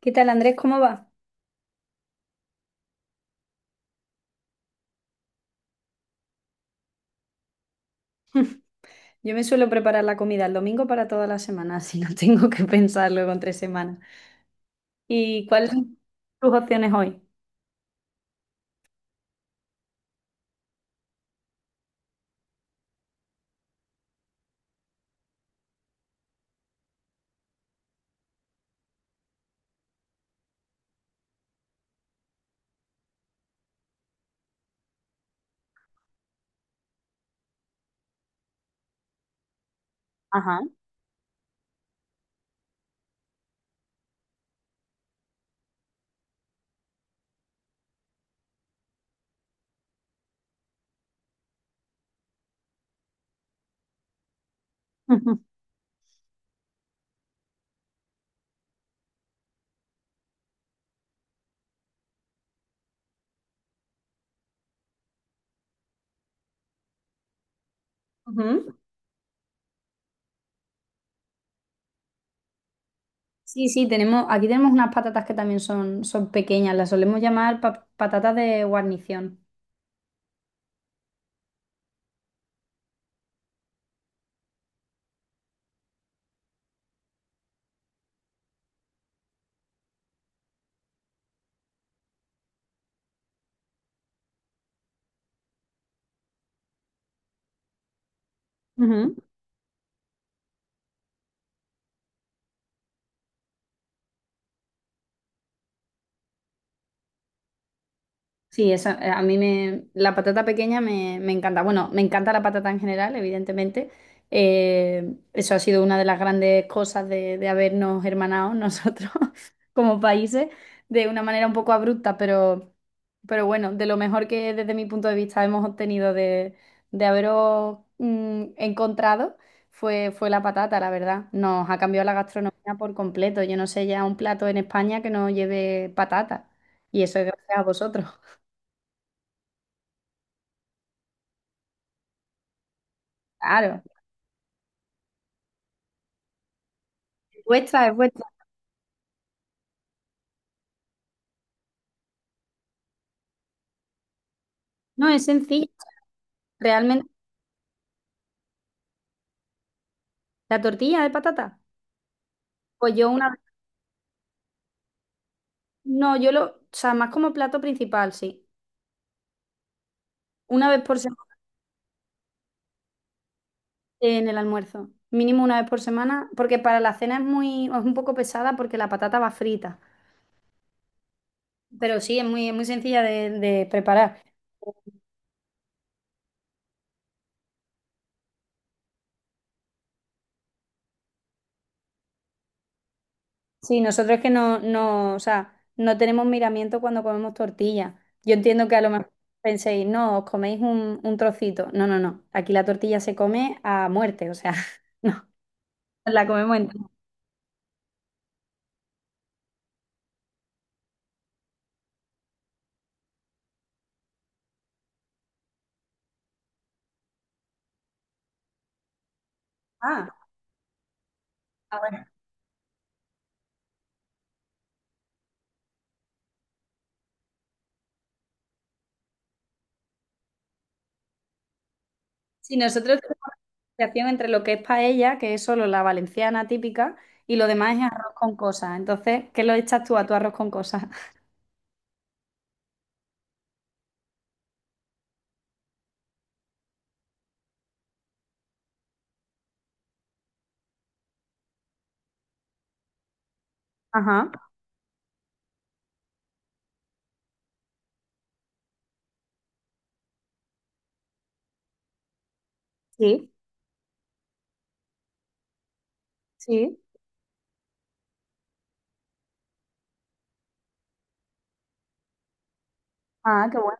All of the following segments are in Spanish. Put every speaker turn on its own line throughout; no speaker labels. ¿Qué tal, Andrés? ¿Cómo va? Yo me suelo preparar la comida el domingo para toda la semana, así no tengo que pensarlo con 3 semanas. ¿Y cuáles son tus opciones hoy? Ajá. Ujú. Sí, sí, aquí tenemos unas patatas que también son, pequeñas, las solemos llamar patatas de guarnición. Sí, esa, la patata pequeña me encanta. Bueno, me encanta la patata en general, evidentemente. Eso ha sido una de las grandes cosas de, habernos hermanado nosotros como países de una manera un poco abrupta, pero bueno, de lo mejor que desde mi punto de vista hemos obtenido de, haberos encontrado fue la patata, la verdad. Nos ha cambiado la gastronomía por completo. Yo no sé ya un plato en España que no lleve patata. Y eso es gracias a vosotros. Claro. Es vuestra, es vuestra. No, es sencillo. Realmente, la tortilla de patata. Pues yo una vez, no, yo lo, o sea, más como plato principal, sí. Una vez por semana en el almuerzo. Mínimo una vez por semana, porque para la cena es muy, es un poco pesada porque la patata va frita. Pero sí, es muy, sencilla de preparar. Sí, nosotros es que no, no, o sea, no tenemos miramiento cuando comemos tortilla. Yo entiendo que a lo mejor penséis, no, os coméis un trocito. No, no, no. Aquí la tortilla se come a muerte, o sea, no, nos la comemos entera. Ah, ah, bueno. Sí, nosotros tenemos diferenciación entre lo que es paella, que es solo la valenciana típica, y lo demás es arroz con cosas. Entonces, ¿qué lo echas tú a tu arroz con cosas? Ajá, sí, sí. Ah, qué bueno.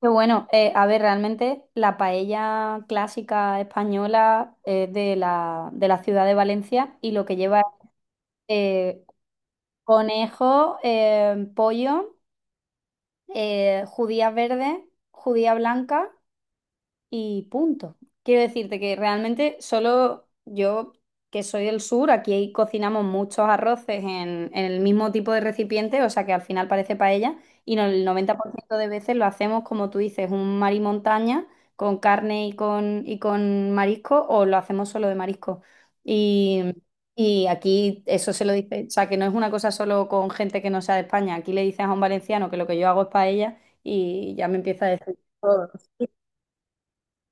Qué bueno, a ver, realmente la paella clásica española es de la, ciudad de Valencia y lo que lleva es eh, conejo, pollo, judía verde, judía blanca y punto. Quiero decirte que realmente solo yo, que soy del sur, aquí cocinamos muchos arroces en, el mismo tipo de recipiente, o sea que al final parece paella, y no, el 90% de veces lo hacemos, como tú dices, un mar y montaña con carne y con marisco, o lo hacemos solo de marisco. Y, y aquí eso se lo dice, o sea que no es una cosa solo con gente que no sea de España, aquí le dices a un valenciano que lo que yo hago es paella y ya me empieza a decir todo.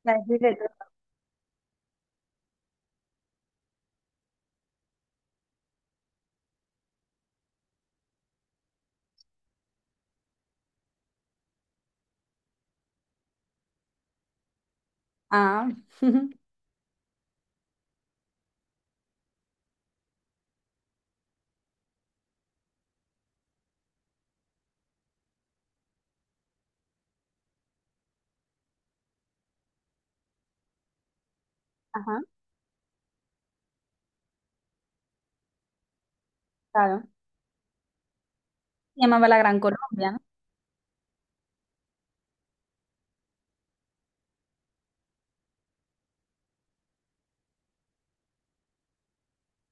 Ah. Ajá. Claro. Se llamaba la Gran Colombia, ¿no?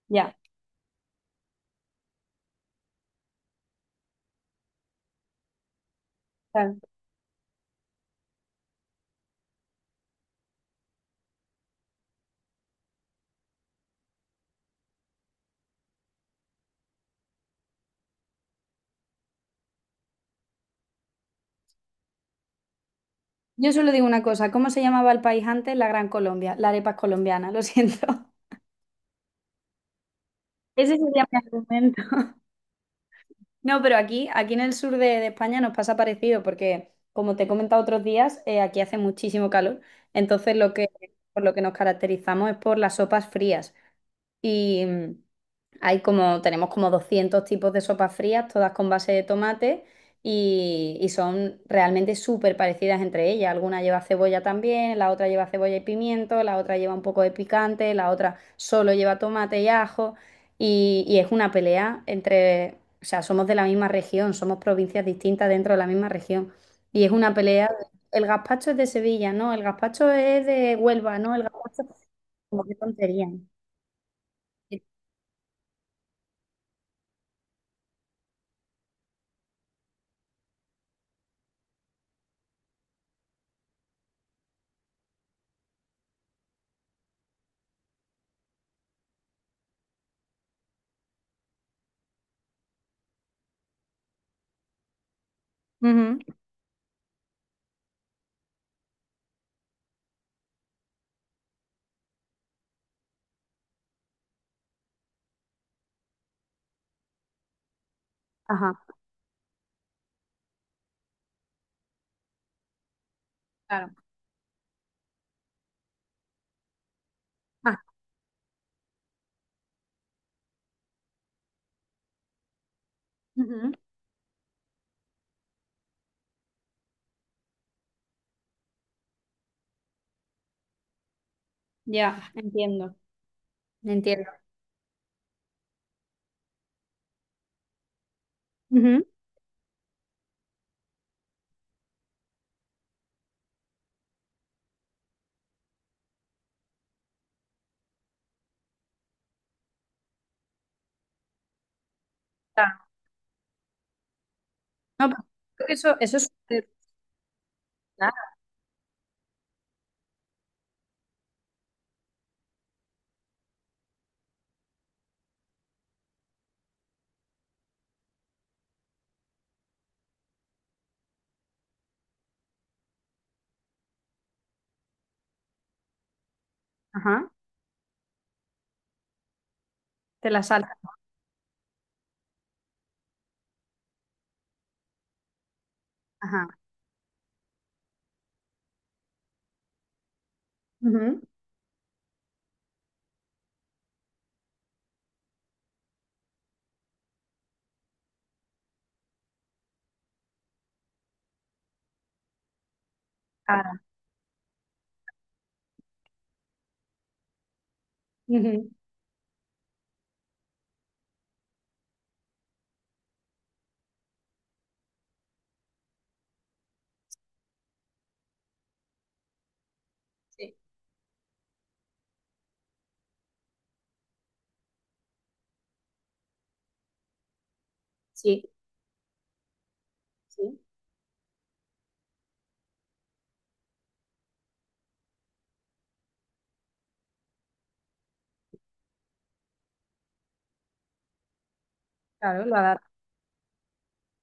Ya, claro. Yo solo digo una cosa, ¿cómo se llamaba el país antes? La Gran Colombia, la arepa es colombiana, lo siento. Ese sería mi argumento. No, pero aquí, en el sur de España nos pasa parecido porque, como te he comentado otros días, aquí hace muchísimo calor. Entonces, por lo que nos caracterizamos es por las sopas frías. Y tenemos como 200 tipos de sopas frías, todas con base de tomate y, son realmente súper parecidas entre ellas. Alguna lleva cebolla también, la otra lleva cebolla y pimiento, la otra lleva un poco de picante, la otra solo lleva tomate y ajo y es una pelea entre, o sea, somos de la misma región, somos provincias distintas dentro de la misma región y es una pelea. El gazpacho es de Sevilla, ¿no? El gazpacho es de Huelva, ¿no? El gazpacho, como qué tontería. Ujú. Ajá. Claro. Ah. Ujú. Ya, entiendo. Entiendo. Ujú. Claro. No, pero creo que eso es súper claro. Ajá, te la salta. Ajá. Ujú. Claro. Ujú. Sí. Sí, sí. Claro, lo adaptas.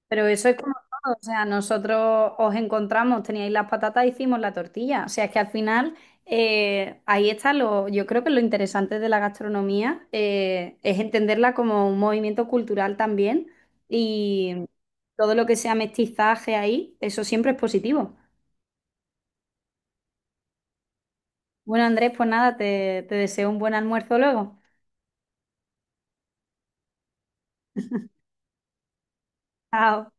Pero eso es como todo, o sea, nosotros os encontramos, teníais las patatas, hicimos la tortilla. O sea, es que al final yo creo que lo interesante de la gastronomía es entenderla como un movimiento cultural también y todo lo que sea mestizaje ahí, eso siempre es positivo. Bueno, Andrés, pues nada, te deseo un buen almuerzo luego. Chao.